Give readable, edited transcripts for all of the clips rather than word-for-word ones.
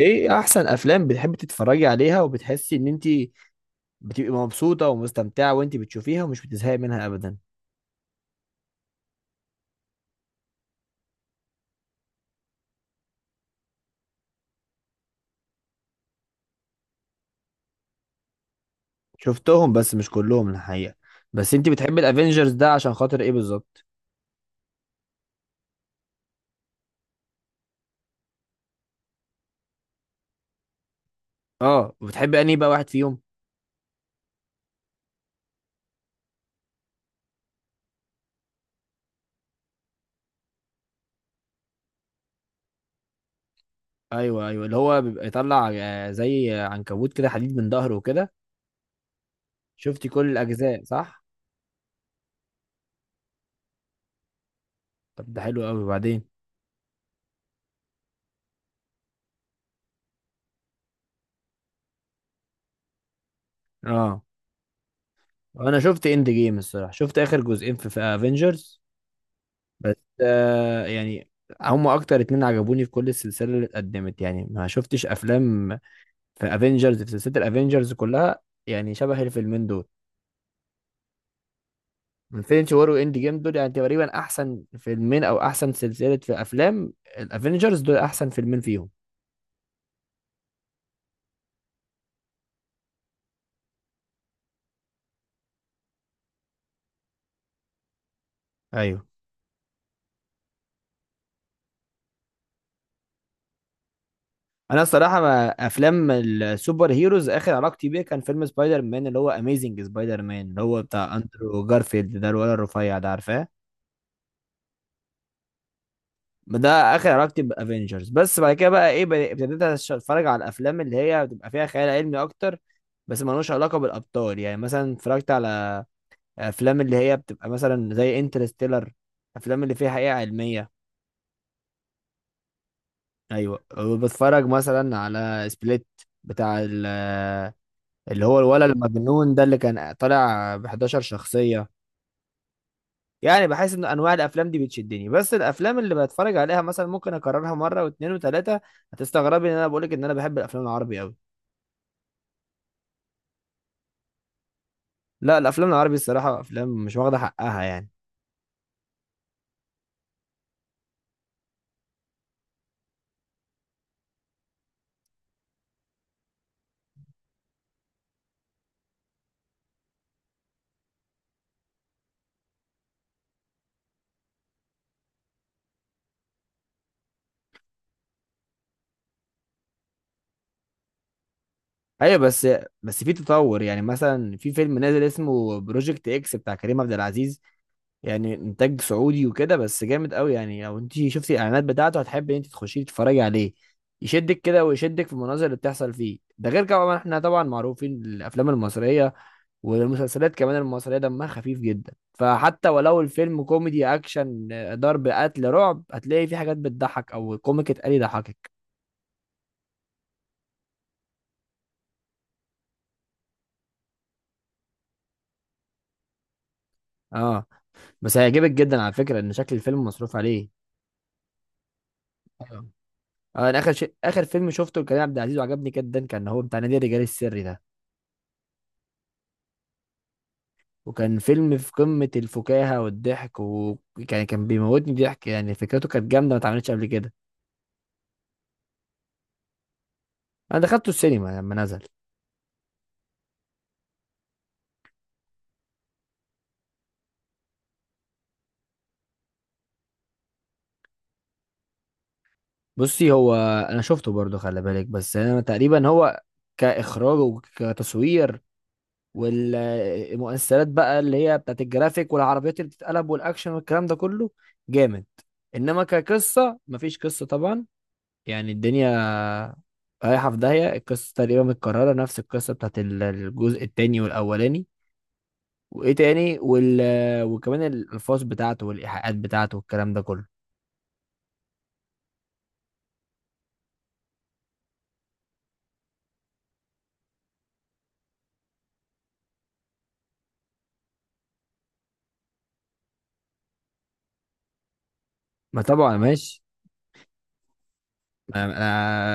ايه احسن افلام بتحبي تتفرجي عليها وبتحسي ان انت بتبقي مبسوطه ومستمتعه وانت بتشوفيها ومش بتزهقي منها ابدا؟ شفتهم بس مش كلهم الحقيقه. بس انت بتحبي الافينجرز ده عشان خاطر ايه بالظبط؟ اه، وبتحبي انهي بقى واحد فيهم؟ ايوه ايوه، اللي هو بيبقى يطلع زي عنكبوت كده حديد من ظهره وكده. شفتي كل الاجزاء صح؟ طب ده حلو قوي، وبعدين؟ اه، انا شفت اند جيم الصراحه، شفت اخر جزئين في افنجرز بس. يعني هم اكتر اتنين عجبوني في كل السلسله اللي اتقدمت، يعني ما شفتش افلام في افنجرز، في سلسله الافنجرز كلها، يعني شبه الفيلمين دول. انفينيتي وور واند جيم، دول يعني تقريبا احسن فيلمين او احسن سلسله في افلام الافنجرز، دول احسن فيلمين فيهم. ايوه. انا الصراحه، ما افلام السوبر هيروز اخر علاقتي بيه كان فيلم سبايدر مان، اللي هو اميزنج سبايدر مان، اللي هو بتاع اندرو جارفيلد ده، الولد الرفيع ده، عارفاه؟ ده اخر علاقتي بافنجرز، بس بعد كده بقى ايه، ابتديت اتفرج على الافلام اللي هي بتبقى فيها خيال علمي اكتر، بس ملوش علاقه بالابطال. يعني مثلا اتفرجت على افلام اللي هي بتبقى مثلا زي انترستيلر، افلام اللي فيها حقيقه علميه. ايوه، وبتفرج مثلا على سبليت، بتاع اللي هو الولد المجنون ده، اللي كان طالع ب 11 شخصيه. يعني بحس ان انواع الافلام دي بتشدني، بس الافلام اللي بتفرج عليها مثلا ممكن اكررها مره واثنين وثلاثه. هتستغربي ان انا بقولك ان انا بحب الافلام العربي قوي. لا، الافلام العربي الصراحه افلام مش واخده حقها يعني. ايوه بس، بس في تطور. يعني مثلا في فيلم نازل اسمه بروجكت اكس بتاع كريم عبد العزيز، يعني انتاج سعودي وكده، بس جامد قوي. يعني لو انت شفتي الاعلانات بتاعته هتحبي ان انت تخشي تتفرجي عليه. يشدك كده ويشدك في المناظر اللي بتحصل فيه، ده غير كمان احنا طبعا معروفين الافلام المصريه والمسلسلات كمان المصرية دمها خفيف جدا، فحتى ولو الفيلم كوميدي، أكشن، ضرب، قتل، رعب، هتلاقي فيه حاجات بتضحك أو كوميك اتقال يضحكك. اه، بس هيعجبك جدا على فكرة، إن شكل الفيلم مصروف عليه. اه. أنا آخر شيء، آخر فيلم شفته لكريم عبد العزيز وعجبني جدا كان هو بتاع نادي الرجال السري ده. وكان فيلم في قمة الفكاهة والضحك، وكان بيموتني ضحك. يعني فكرته كانت جامدة، ما اتعملتش قبل كده. أنا دخلته السينما لما نزل. بصي هو، انا شفته برضو، خلي بالك، بس انا تقريبا هو كاخراج وكتصوير والمؤثرات بقى، اللي هي بتاعت الجرافيك والعربيات اللي بتتقلب والاكشن والكلام ده كله، جامد. انما كقصه، مفيش قصه طبعا. يعني الدنيا رايحه في داهيه، القصه تقريبا متكرره، نفس القصه بتاعت الجزء التاني والاولاني، وايه تاني وكمان الالفاظ بتاعته والايحاءات بتاعته والكلام ده كله. ما طبعا ماشي. انا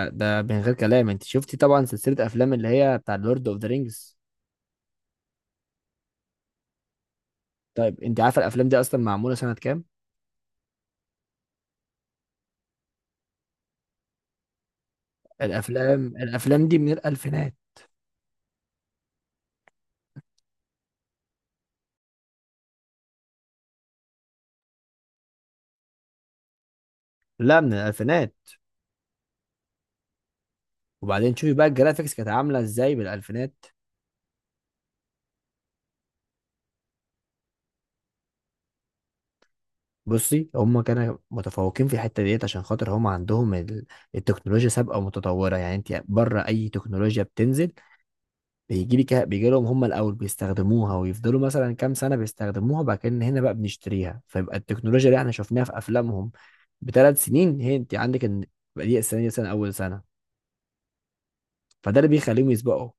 أنا- ده من غير كلام، انت شفتي طبعا سلسله افلام اللي هي بتاع لورد اوف ذا رينجز. طيب انت عارفه الافلام دي اصلا معموله سنه كام؟ الافلام دي من الالفينات. لا، من الالفينات. وبعدين شوفي بقى الجرافيكس كانت عامله ازاي بالالفينات. بصي، هم كانوا متفوقين في الحته ديت عشان خاطر هم عندهم التكنولوجيا سابقه ومتطوره. يعني انت بره اي تكنولوجيا بتنزل، بيجي لهم هم الاول، بيستخدموها ويفضلوا مثلا كام سنه بيستخدموها، بعد كده إن هنا بقى بنشتريها، فيبقى التكنولوجيا اللي احنا شفناها في افلامهم بثلاث سنين، هي انت عندك ان بقى دي السنه، دي سنه، اول سنه. فده اللي بيخليهم يسبقوا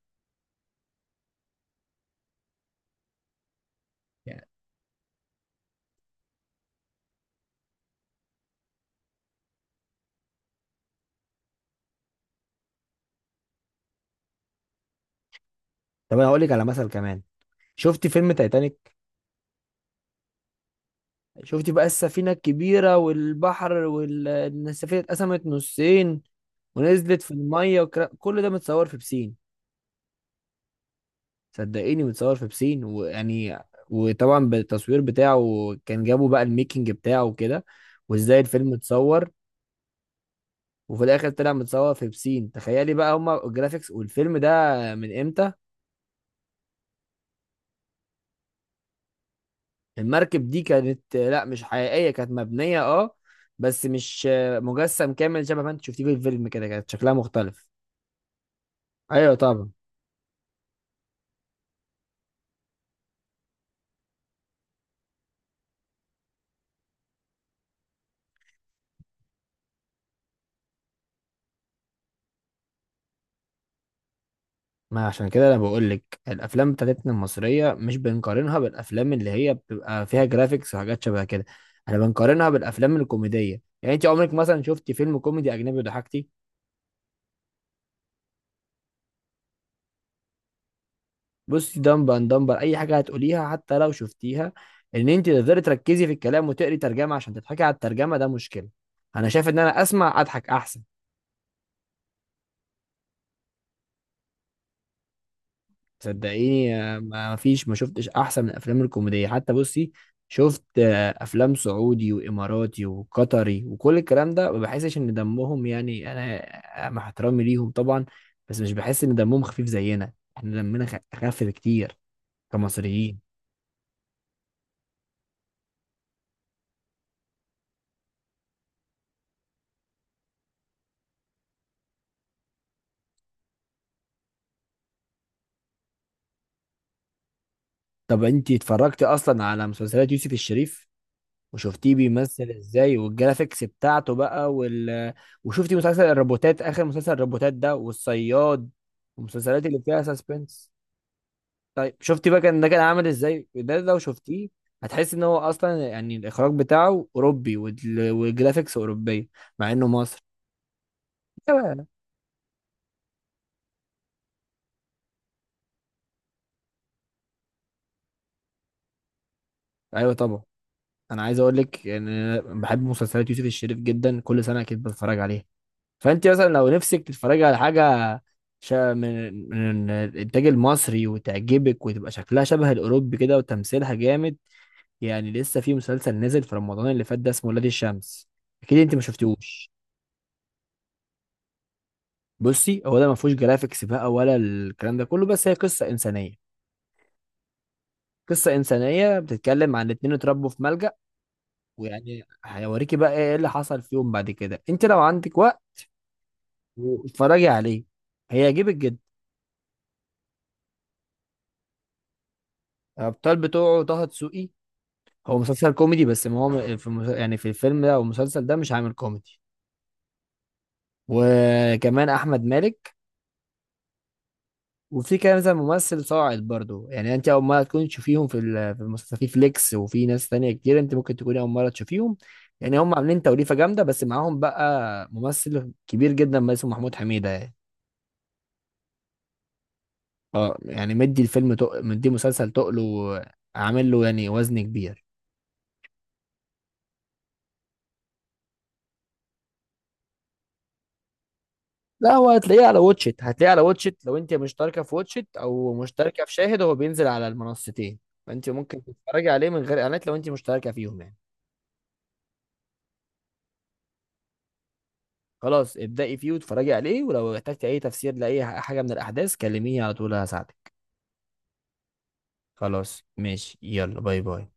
يعني. طب انا هقول لك على مثل كمان. شفتي فيلم تايتانيك؟ شفتي بقى السفينه الكبيره والبحر، والسفينه اتقسمت نصين ونزلت في الميه كل ده متصور في بسين. صدقيني، متصور في بسين ويعني، وطبعا بالتصوير بتاعه كان جابوا بقى الميكنج بتاعه وكده، وازاي الفيلم اتصور، وفي الاخر طلع متصور في بسين. تخيلي بقى هما الجرافيكس والفيلم ده من امتى. المركب دي كانت، لا مش حقيقية، كانت مبنية اه، بس مش مجسم كامل شبه ما انت شفتيه في الفيلم، كده كانت شكلها مختلف. ايوه طبعا. ما عشان كده انا بقول لك الافلام بتاعتنا المصريه مش بنقارنها بالافلام اللي هي بتبقى فيها جرافيكس وحاجات شبه كده. احنا بنقارنها بالافلام الكوميديه. يعني انت عمرك مثلا شفتي فيلم كوميدي اجنبي ضحكتي؟ بصي، دمبر اند دمبر اي حاجه هتقوليها، حتى لو شفتيها، ان انت تقدري تركزي في الكلام وتقري ترجمه عشان تضحكي على الترجمه، ده مشكله. انا شايف ان انا اسمع اضحك احسن. صدقيني، ما فيش، ما شفتش احسن من الافلام الكوميديه. حتى بصي، شفت افلام سعودي واماراتي وقطري وكل الكلام ده، ما بحسش ان دمهم، يعني انا مع احترامي ليهم طبعا، بس مش بحس ان دمهم خفيف زينا، احنا دمنا خف بكتير كمصريين. طب انتي اتفرجتي اصلا على مسلسلات يوسف الشريف، وشفتيه بيمثل ازاي والجرافيكس بتاعته بقى وشفتي مسلسل الروبوتات، اخر مسلسل الروبوتات ده، والصياد، والمسلسلات اللي فيها سسبنس؟ طيب شفتي بقى، كان ده كان عامل ازاي ده لو شفتيه؟ هتحس ان هو اصلا يعني الاخراج بتاعه اوروبي والجرافيكس اوروبيه، مع انه مصر. ايوه. ايوه طبعا. انا عايز اقول لك ان انا بحب مسلسلات يوسف الشريف جدا، كل سنه اكيد بتفرج عليها. فانت مثلا لو نفسك تتفرجي على حاجه شا من الانتاج المصري وتعجبك وتبقى شكلها شبه الاوروبي كده وتمثيلها جامد، يعني لسه في مسلسل نزل في رمضان اللي فات ده، اسمه ولاد الشمس، اكيد انت ما شفتيهوش. بصي هو ده ما فيهوش جرافيكس بقى ولا الكلام ده كله، بس هي قصه انسانيه. قصه انسانيه بتتكلم عن اتنين اتربوا في ملجأ، ويعني هيوريكي بقى ايه اللي حصل فيهم بعد كده. انت لو عندك وقت واتفرجي عليه، هيعجبك جدا. الابطال بتوعه طه دسوقي. هو مسلسل كوميدي، بس ما هو في يعني في الفيلم ده او المسلسل ده مش عامل كوميدي. وكمان احمد مالك. وفي كده مثلا ممثل صاعد برضو، يعني انت اول مره تكون تشوفيهم في في المسلسل، في فليكس وفي ناس تانية كتير انت ممكن تكوني اول مره تشوفيهم. يعني هم عاملين توليفه جامده، بس معاهم بقى ممثل كبير جدا بس اسمه محمود حميده يعني. اه، يعني مدي الفيلم مدي مسلسل تقله وعامل له يعني وزن كبير. لا، هو هتلاقيه على واتشت، هتلاقيه على واتشت لو انت مشتركه في واتشت او مشتركه في شاهد، هو بينزل على المنصتين. فانت ممكن تتفرجي عليه من غير اعلانات لو انت مشتركه فيهم يعني. خلاص ابدأي فيه واتفرجي عليه، ولو احتجتي اي تفسير لاي حاجة من الاحداث كلميني على طول هساعدك. خلاص ماشي، يلا باي باي.